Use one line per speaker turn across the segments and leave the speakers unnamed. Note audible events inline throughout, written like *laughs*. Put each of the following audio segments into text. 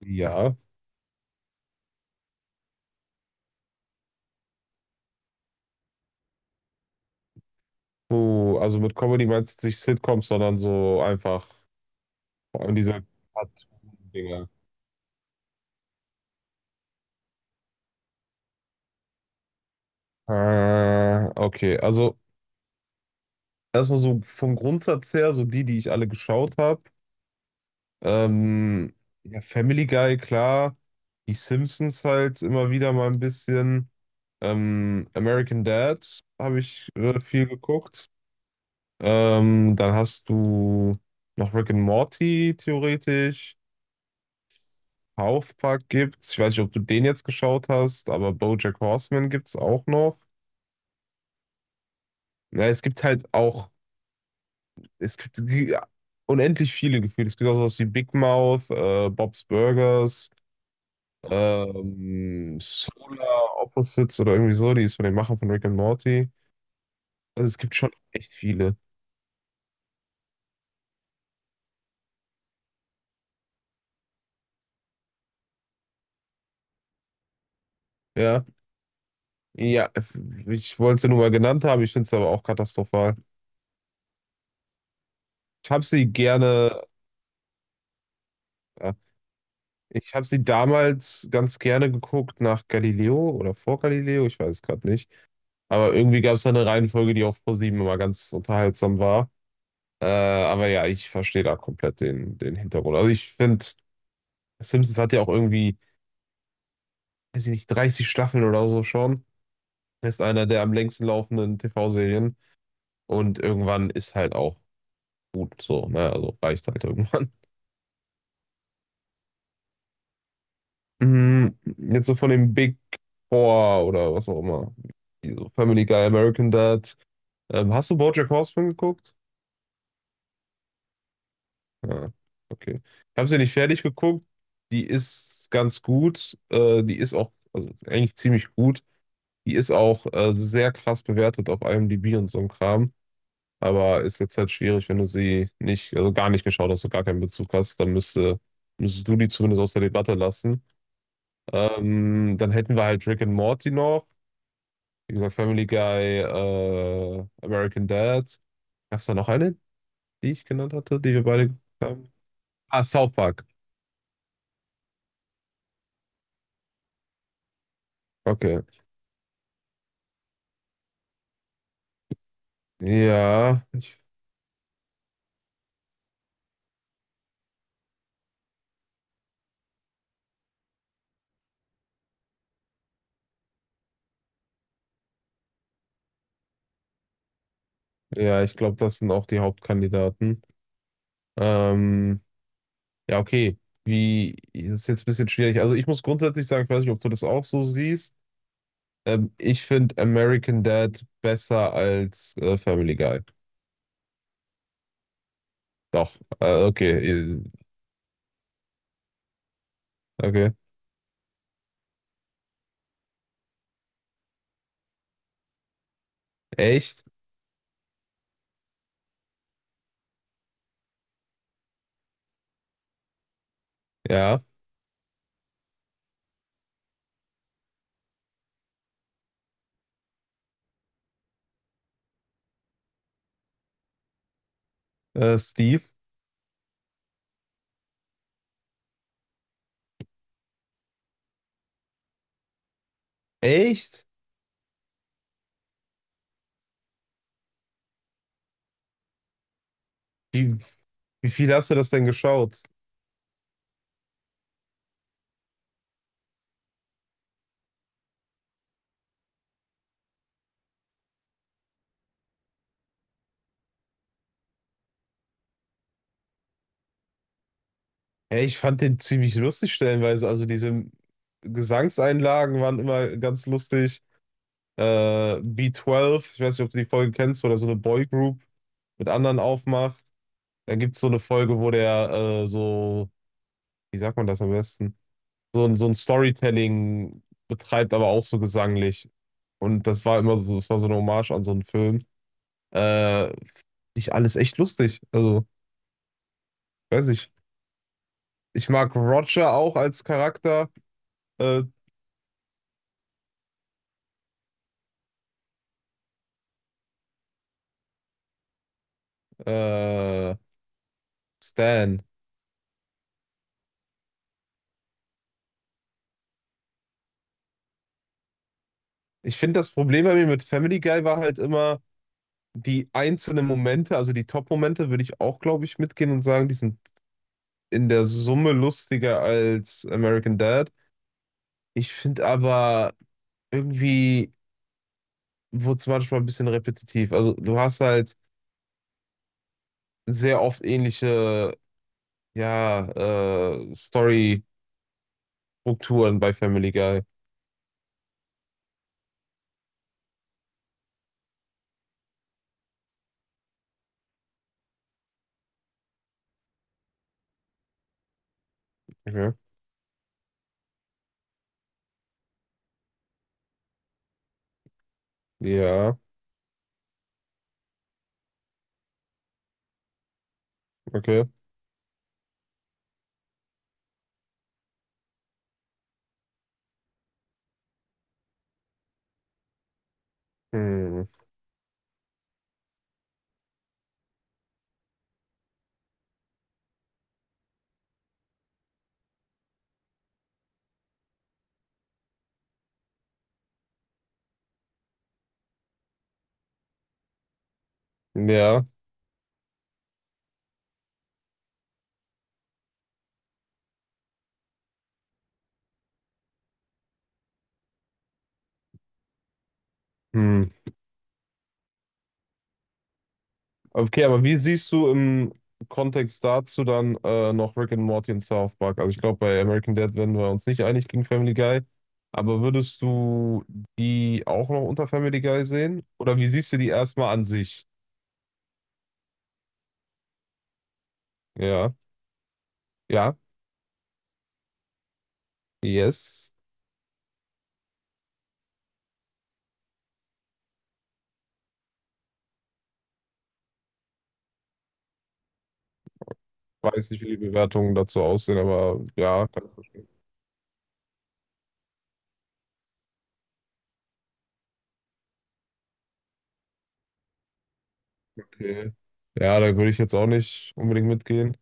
Ja. Oh, also mit Comedy meinst du nicht Sitcoms, sondern so einfach vor allem diese Cartoon-Dinger. Ah, okay. Also erstmal so vom Grundsatz her, die ich alle geschaut habe. Ähm, ja, Family Guy, klar. Die Simpsons halt immer wieder mal ein bisschen. American Dad habe ich viel geguckt. Dann hast du noch Rick and Morty theoretisch. South Park gibt's. Ich weiß nicht, ob du den jetzt geschaut hast, aber BoJack Horseman gibt's auch noch. Ja, es gibt halt auch, es gibt ge- Unendlich viele Gefühle. Es gibt auch sowas wie Big Mouth, Bob's Burgers, Solar Opposites oder irgendwie so. Die ist von den Machern von Rick and Morty. Also es gibt schon echt viele. Ja, ja, ich wollte sie nur mal genannt haben. Ich finde es aber auch katastrophal. Ich habe sie gerne. äh, Ich habe sie damals ganz gerne geguckt nach Galileo oder vor Galileo, ich weiß es gerade nicht. Aber irgendwie gab es da eine Reihenfolge, die auf ProSieben immer ganz unterhaltsam war. Aber ja, ich verstehe da komplett den Hintergrund. Also ich finde, Simpsons hat ja auch irgendwie, weiß ich nicht, 30 Staffeln oder so schon. Ist einer der am längsten laufenden TV-Serien. Und irgendwann ist halt auch gut so, ne? Also reicht halt irgendwann. Mhm. Jetzt so von den Big Four oder was auch immer. Die so Family Guy, American Dad. Hast du BoJack Horseman geguckt? Ja, okay. Ich habe sie nicht fertig geguckt. Die ist ganz gut. Die ist auch, also eigentlich ziemlich gut. Die ist auch sehr krass bewertet auf IMDb und so ein Kram. Aber ist jetzt halt schwierig, wenn du sie nicht, also gar nicht geschaut hast, du gar keinen Bezug hast, dann müsstest du die zumindest aus der Debatte lassen. Dann hätten wir halt Rick and Morty noch. Wie gesagt, Family Guy, American Dad. Gab es da noch eine, die ich genannt hatte, die wir beide geguckt haben? Ah, South Park. Okay. Ja, ich, ja, ich glaube, das sind auch die Hauptkandidaten. Ähm, ja, okay. Wie, das ist jetzt ein bisschen schwierig. Also ich muss grundsätzlich sagen, ich weiß nicht, ob du das auch so siehst. Ich finde American Dad besser als Family Guy. Doch. Okay. Okay. Echt? Ja. Steve? Echt? Wie, wie viel hast du das denn geschaut? Ja, ich fand den ziemlich lustig stellenweise. Also diese Gesangseinlagen waren immer ganz lustig. B12, ich weiß nicht, ob du die Folge kennst, wo der so eine Boygroup mit anderen aufmacht. Dann gibt es so eine Folge, wo der so, wie sagt man das am besten? So ein Storytelling betreibt, aber auch so gesanglich. Und das war immer so, das war so eine Hommage an so einen Film. Äh, Nicht alles echt lustig. Also, weiß ich. Ich mag Roger auch als Charakter. Äh, äh, Stan. Ich finde, das Problem bei mir mit Family Guy war halt immer die einzelnen Momente, also die Top-Momente würde ich auch, glaube ich, mitgehen und sagen, die sind in der Summe lustiger als American Dad. Ich finde aber irgendwie wurde es manchmal ein bisschen repetitiv. Also du hast halt sehr oft ähnliche, ja, Story-Strukturen bei Family Guy. Okay. Ja, okay. Hm. Ja. Hm. Okay, aber wie siehst du im Kontext dazu dann noch Rick and Morty und South Park? Also ich glaube, bei American Dad werden wir uns nicht einig gegen Family Guy, aber würdest du die auch noch unter Family Guy sehen? Oder wie siehst du die erstmal an sich? Ja, ja, yes. Weiß nicht, wie die Bewertungen dazu aussehen, aber ja, kann ich verstehen. Okay. Ja, da würde ich jetzt auch nicht unbedingt mitgehen.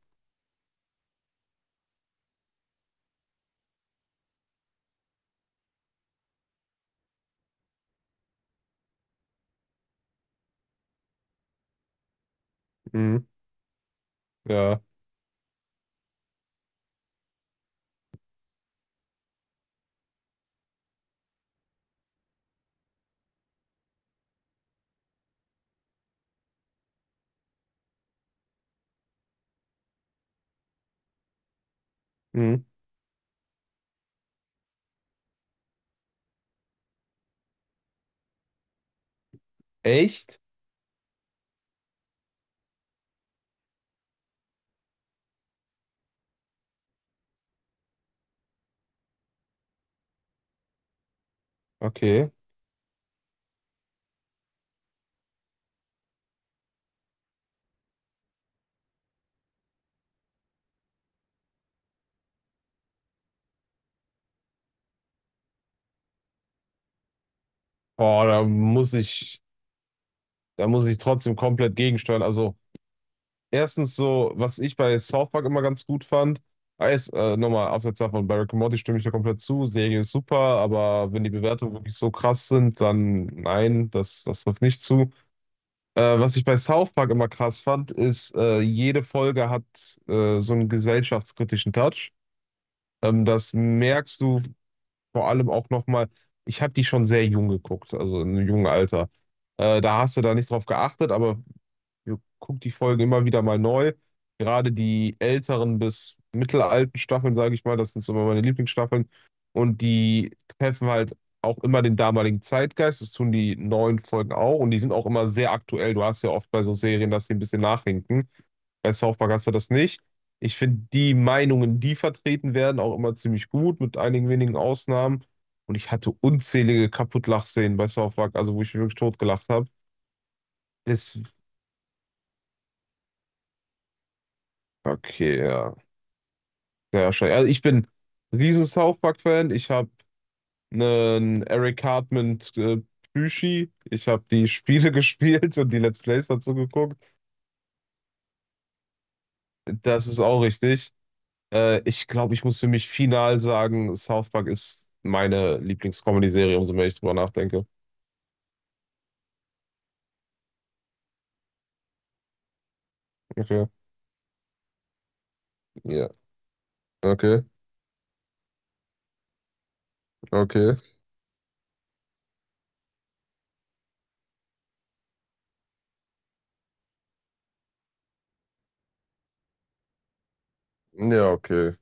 Hm. Ja. Hm. Echt? Okay. Oh, da muss ich. Da muss ich trotzdem komplett gegensteuern. Also, erstens so, was ich bei South Park immer ganz gut fand, ist, nochmal abseits davon, bei Rick and Morty stimme ich da komplett zu. Serie ist super, aber wenn die Bewertungen wirklich so krass sind, dann nein, das trifft nicht zu. Was ich bei South Park immer krass fand, ist, jede Folge hat so einen gesellschaftskritischen Touch. Das merkst du vor allem auch nochmal. Ich habe die schon sehr jung geguckt, also in einem jungen Alter. Da hast du da nicht drauf geachtet, aber wir gucken die Folgen immer wieder mal neu. Gerade die älteren bis mittelalten Staffeln, sage ich mal, das sind so immer meine Lieblingsstaffeln. Und die treffen halt auch immer den damaligen Zeitgeist. Das tun die neuen Folgen auch. Und die sind auch immer sehr aktuell. Du hast ja oft bei so Serien, dass sie ein bisschen nachhinken. Bei South Park hast du das nicht. Ich finde die Meinungen, die vertreten werden, auch immer ziemlich gut, mit einigen wenigen Ausnahmen. Und ich hatte unzählige Kaputtlachszenen bei South Park, also wo ich mich wirklich totgelacht habe. Das, okay, ja. Sehr wahrscheinlich. Also ich bin riesen South Park-Fan. Ich habe einen Eric Cartman Plüschi. Ich habe die Spiele *laughs* gespielt und die Let's Plays dazu geguckt. Das ist auch richtig. Ich glaube, ich muss für mich final sagen, South Park ist meine Lieblings-Comedy-Serie, umso mehr ich drüber nachdenke. Okay. Ja. Okay. Okay. Ja, okay.